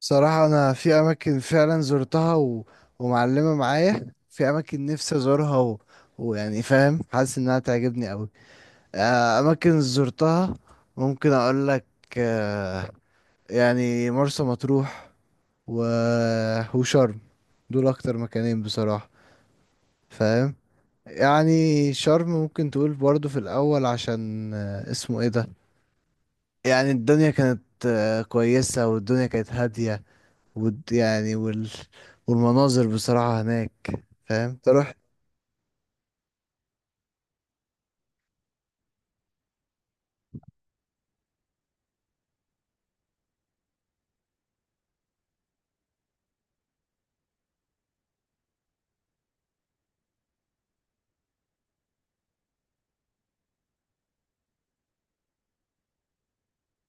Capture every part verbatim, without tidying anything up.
صراحة أنا في أماكن فعلا زرتها و... ومعلمة معايا في أماكن نفسي أزورها و... ويعني فاهم حاسس إنها تعجبني أوي. آه، أماكن زرتها ممكن أقول لك. آه، يعني مرسى مطروح و... وشرم، دول أكتر مكانين بصراحة فاهم. يعني شرم ممكن تقول برضو في الأول عشان آه، اسمه إيه ده، يعني الدنيا كانت آه، كويسة والدنيا كانت هادية ود يعني وال... والمناظر بصراحة هناك فاهم تروح.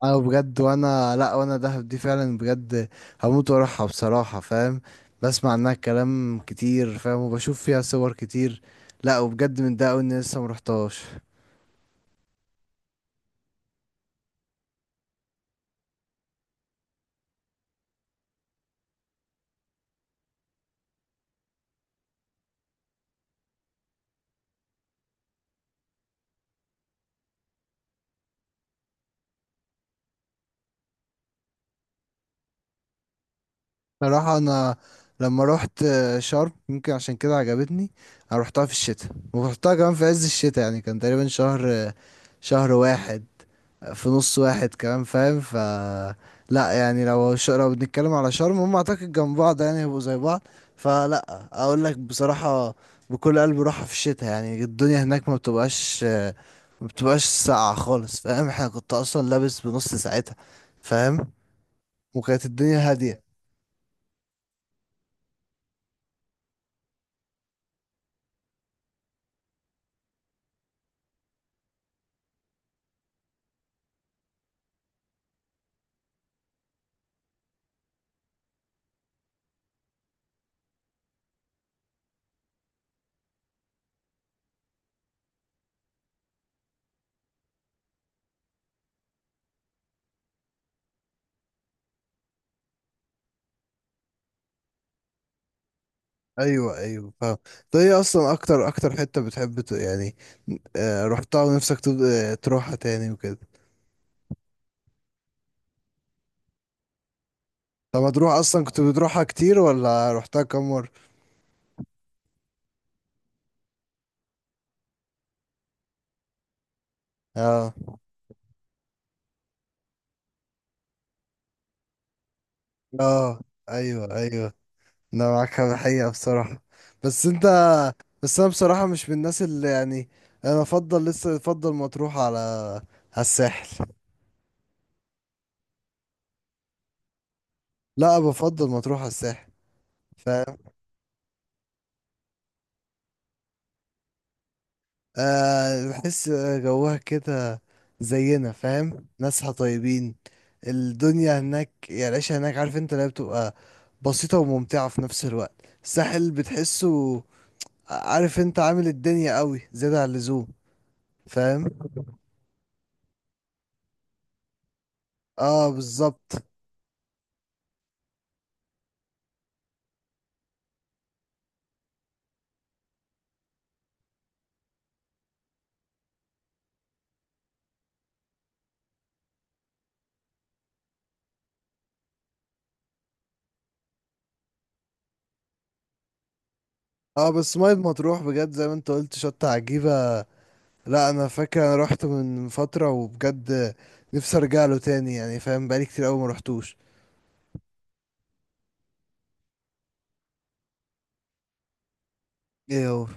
انا بجد وانا لا وانا دهب دي فعلا بجد هموت واروحها بصراحة فاهم. بسمع عنها كلام كتير فاهم وبشوف فيها صور كتير. لا وبجد من ده أوي اني لسه مرحتهاش. بصراحة انا لما روحت شرم يمكن عشان كده عجبتني. انا روحتها في الشتاء ورحتها كمان في عز الشتاء يعني كان تقريبا شهر شهر واحد في نص واحد كمان فاهم. ف لا يعني لو ش... لو بنتكلم على شرم هم اعتقد جنب بعض يعني هيبقوا زي بعض. فلا اقول لك بصراحة بكل قلب روحها في الشتاء يعني الدنيا هناك ما بتبقاش ما بتبقاش ساقعة خالص فاهم. احنا كنت اصلا لابس بنص ساعتها فاهم وكانت الدنيا هادية. ايوه ايوه فاهم. طيب ايه اصلا اكتر اكتر حتة بتحب ت... يعني آه، رحتها ونفسك تب- آه، تروحها تاني وكده؟ طب ما تروح اصلا كنت بتروحها كتير ولا رحتها كم مرة؟ اه اه ايوه ايوه. انا معاك في الحقيقة بصراحة. بس انت بس انا بصراحة مش من الناس اللي يعني انا افضل لسه افضل مطروح على على الساحل. لا بفضل مطروح على الساحل فاهم. آه بحس جوها كده زينا فاهم ناسها طيبين. الدنيا هناك يعني العيشة هناك عارف انت اللي هي بتبقى بسيطة وممتعة في نفس الوقت. الساحل بتحسه عارف انت عامل الدنيا قوي زيادة عن اللزوم فاهم. اه بالظبط. اه بس ميه مطروح بجد زي ما انت قلت شطة عجيبة. لا انا فاكر انا رحت من فترة وبجد نفسي ارجع له تاني يعني فاهم بقالي كتير قوي ما رحتوش. ايه هو؟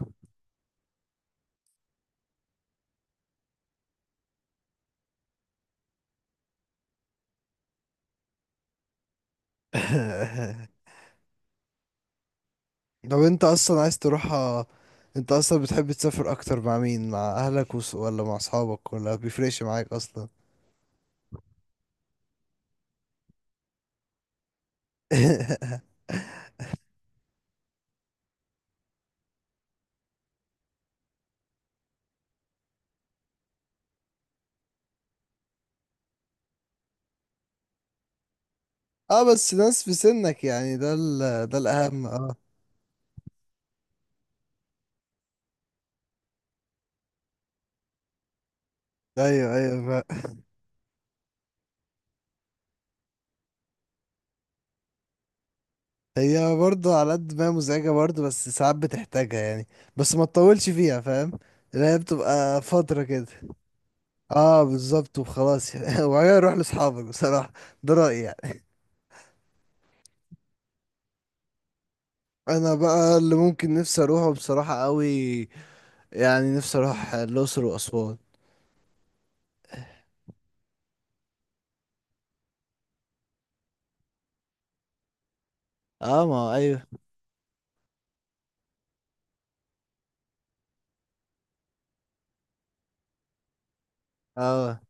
طب انت اصلا عايز تروحها؟ انت اصلا بتحب تسافر اكتر مع مين، مع اهلك وص- ولا مع اصحابك ولا بيفرقش معاك اصلا؟ اه بس ناس في سنك يعني ده ال... ده الاهم اه. ايوه ايوه هي برضه على قد ما هي مزعجة برضه بس ساعات بتحتاجها يعني بس ما تطولش فيها فاهم اللي هي بتبقى فترة كده. اه بالظبط وخلاص يعني وبعدين اروح لاصحابك بصراحة. ده رأيي يعني. انا بقى اللي ممكن نفسي اروحه بصراحة قوي يعني نفسي اروح الاقصر واسوان. اه ما هو ايوه اه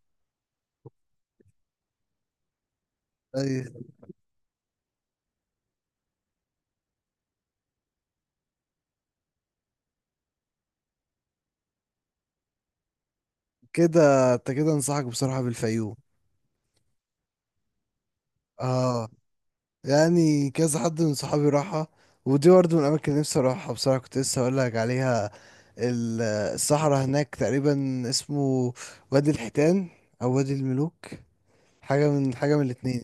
أيوة. كده انت كده انصحك بصراحة بالفيوم. اه يعني كذا حد من صحابي راحها ودي برضه من الأماكن اللي نفسي أروحها بصراحة كنت لسه هقولك عليها. ال- الصحراء هناك تقريبا اسمه وادي الحيتان أو وادي الملوك، حاجة من حاجة من الاتنين.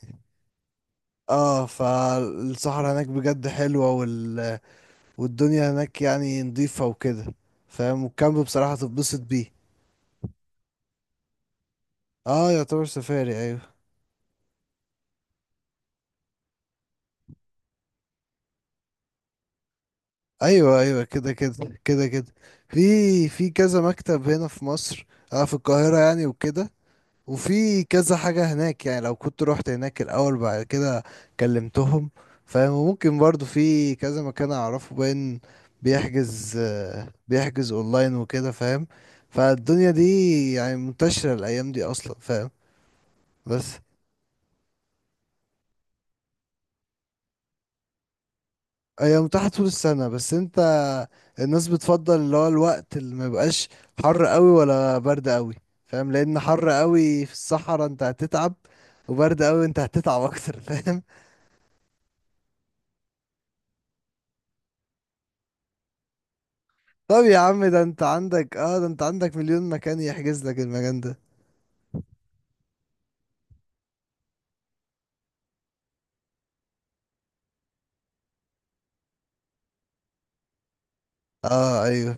اه فالصحراء هناك بجد حلوة وال... والدنيا هناك يعني نضيفة وكده فاهم والكامب بصراحة تتبسط بيه. اه يعتبر سفاري ايوه. ايوه ايوه كده كده كده كده. في في كذا مكتب هنا في مصر. انا في القاهرة يعني وكده. وفي كذا حاجة هناك يعني لو كنت رحت هناك الأول بعد كده كلمتهم فاهم. وممكن برضو في كذا مكان أعرفه باين بيحجز آه، بيحجز أونلاين وكده فاهم. فالدنيا دي يعني منتشرة الأيام دي أصلا فاهم. بس هي متاحة طول السنة بس انت الناس بتفضل اللي هو الوقت اللي ما يبقاش حر قوي ولا برد قوي فاهم. لأن حر قوي في الصحراء انت هتتعب وبرد قوي انت هتتعب أكتر فاهم. طب يا عم، ده انت عندك اه ده انت عندك مليون مكان يحجز لك المكان ده. اه ايوه.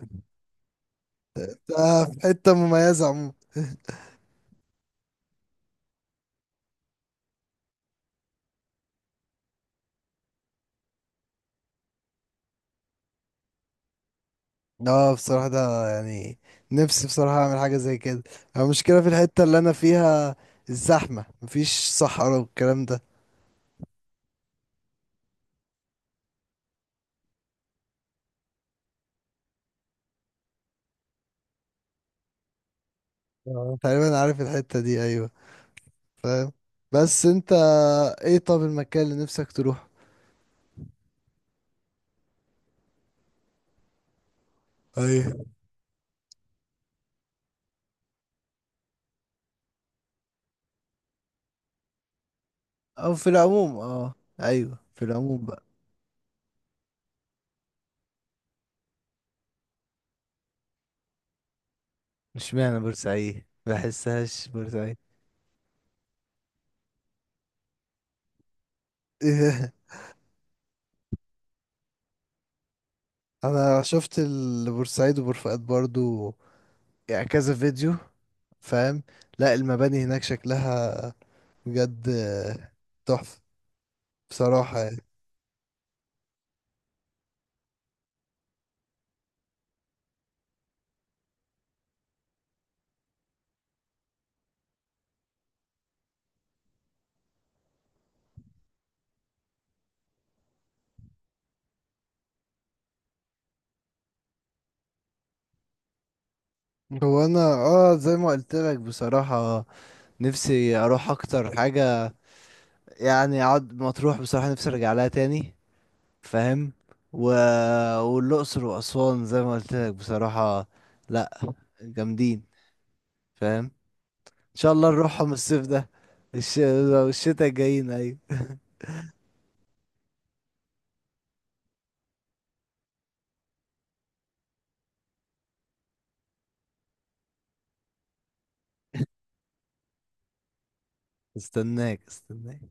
ده في حتة مميزة عموما اه بصراحة ده يعني نفسي بصراحة اعمل حاجة زي كده. المشكلة في الحتة اللي انا فيها الزحمة مفيش صحراء والكلام ده. آه. تقريبا عارف الحتة دي ايوه فاهم. بس انت ايه، طب المكان اللي نفسك تروح؟ ايوه او في العموم اه. ايوه في العموم بقى. مش معنى بورسعيد بحسهاش بورسعيد. انا شفت البورسعيد وبورفؤاد برضو يعني كذا فيديو فاهم. لا المباني هناك شكلها بجد تحفة بصراحة يعني. هو انا اه زي ما قلت لك بصراحة نفسي اروح اكتر حاجة يعني اقعد مطروح بصراحة نفسي ارجع لها تاني فاهم. و... والاقصر واسوان زي ما قلت لك بصراحة لا جامدين فاهم. ان شاء الله نروحهم الصيف ده. الش... الشتاء الجايين ايوه. استناك استناك.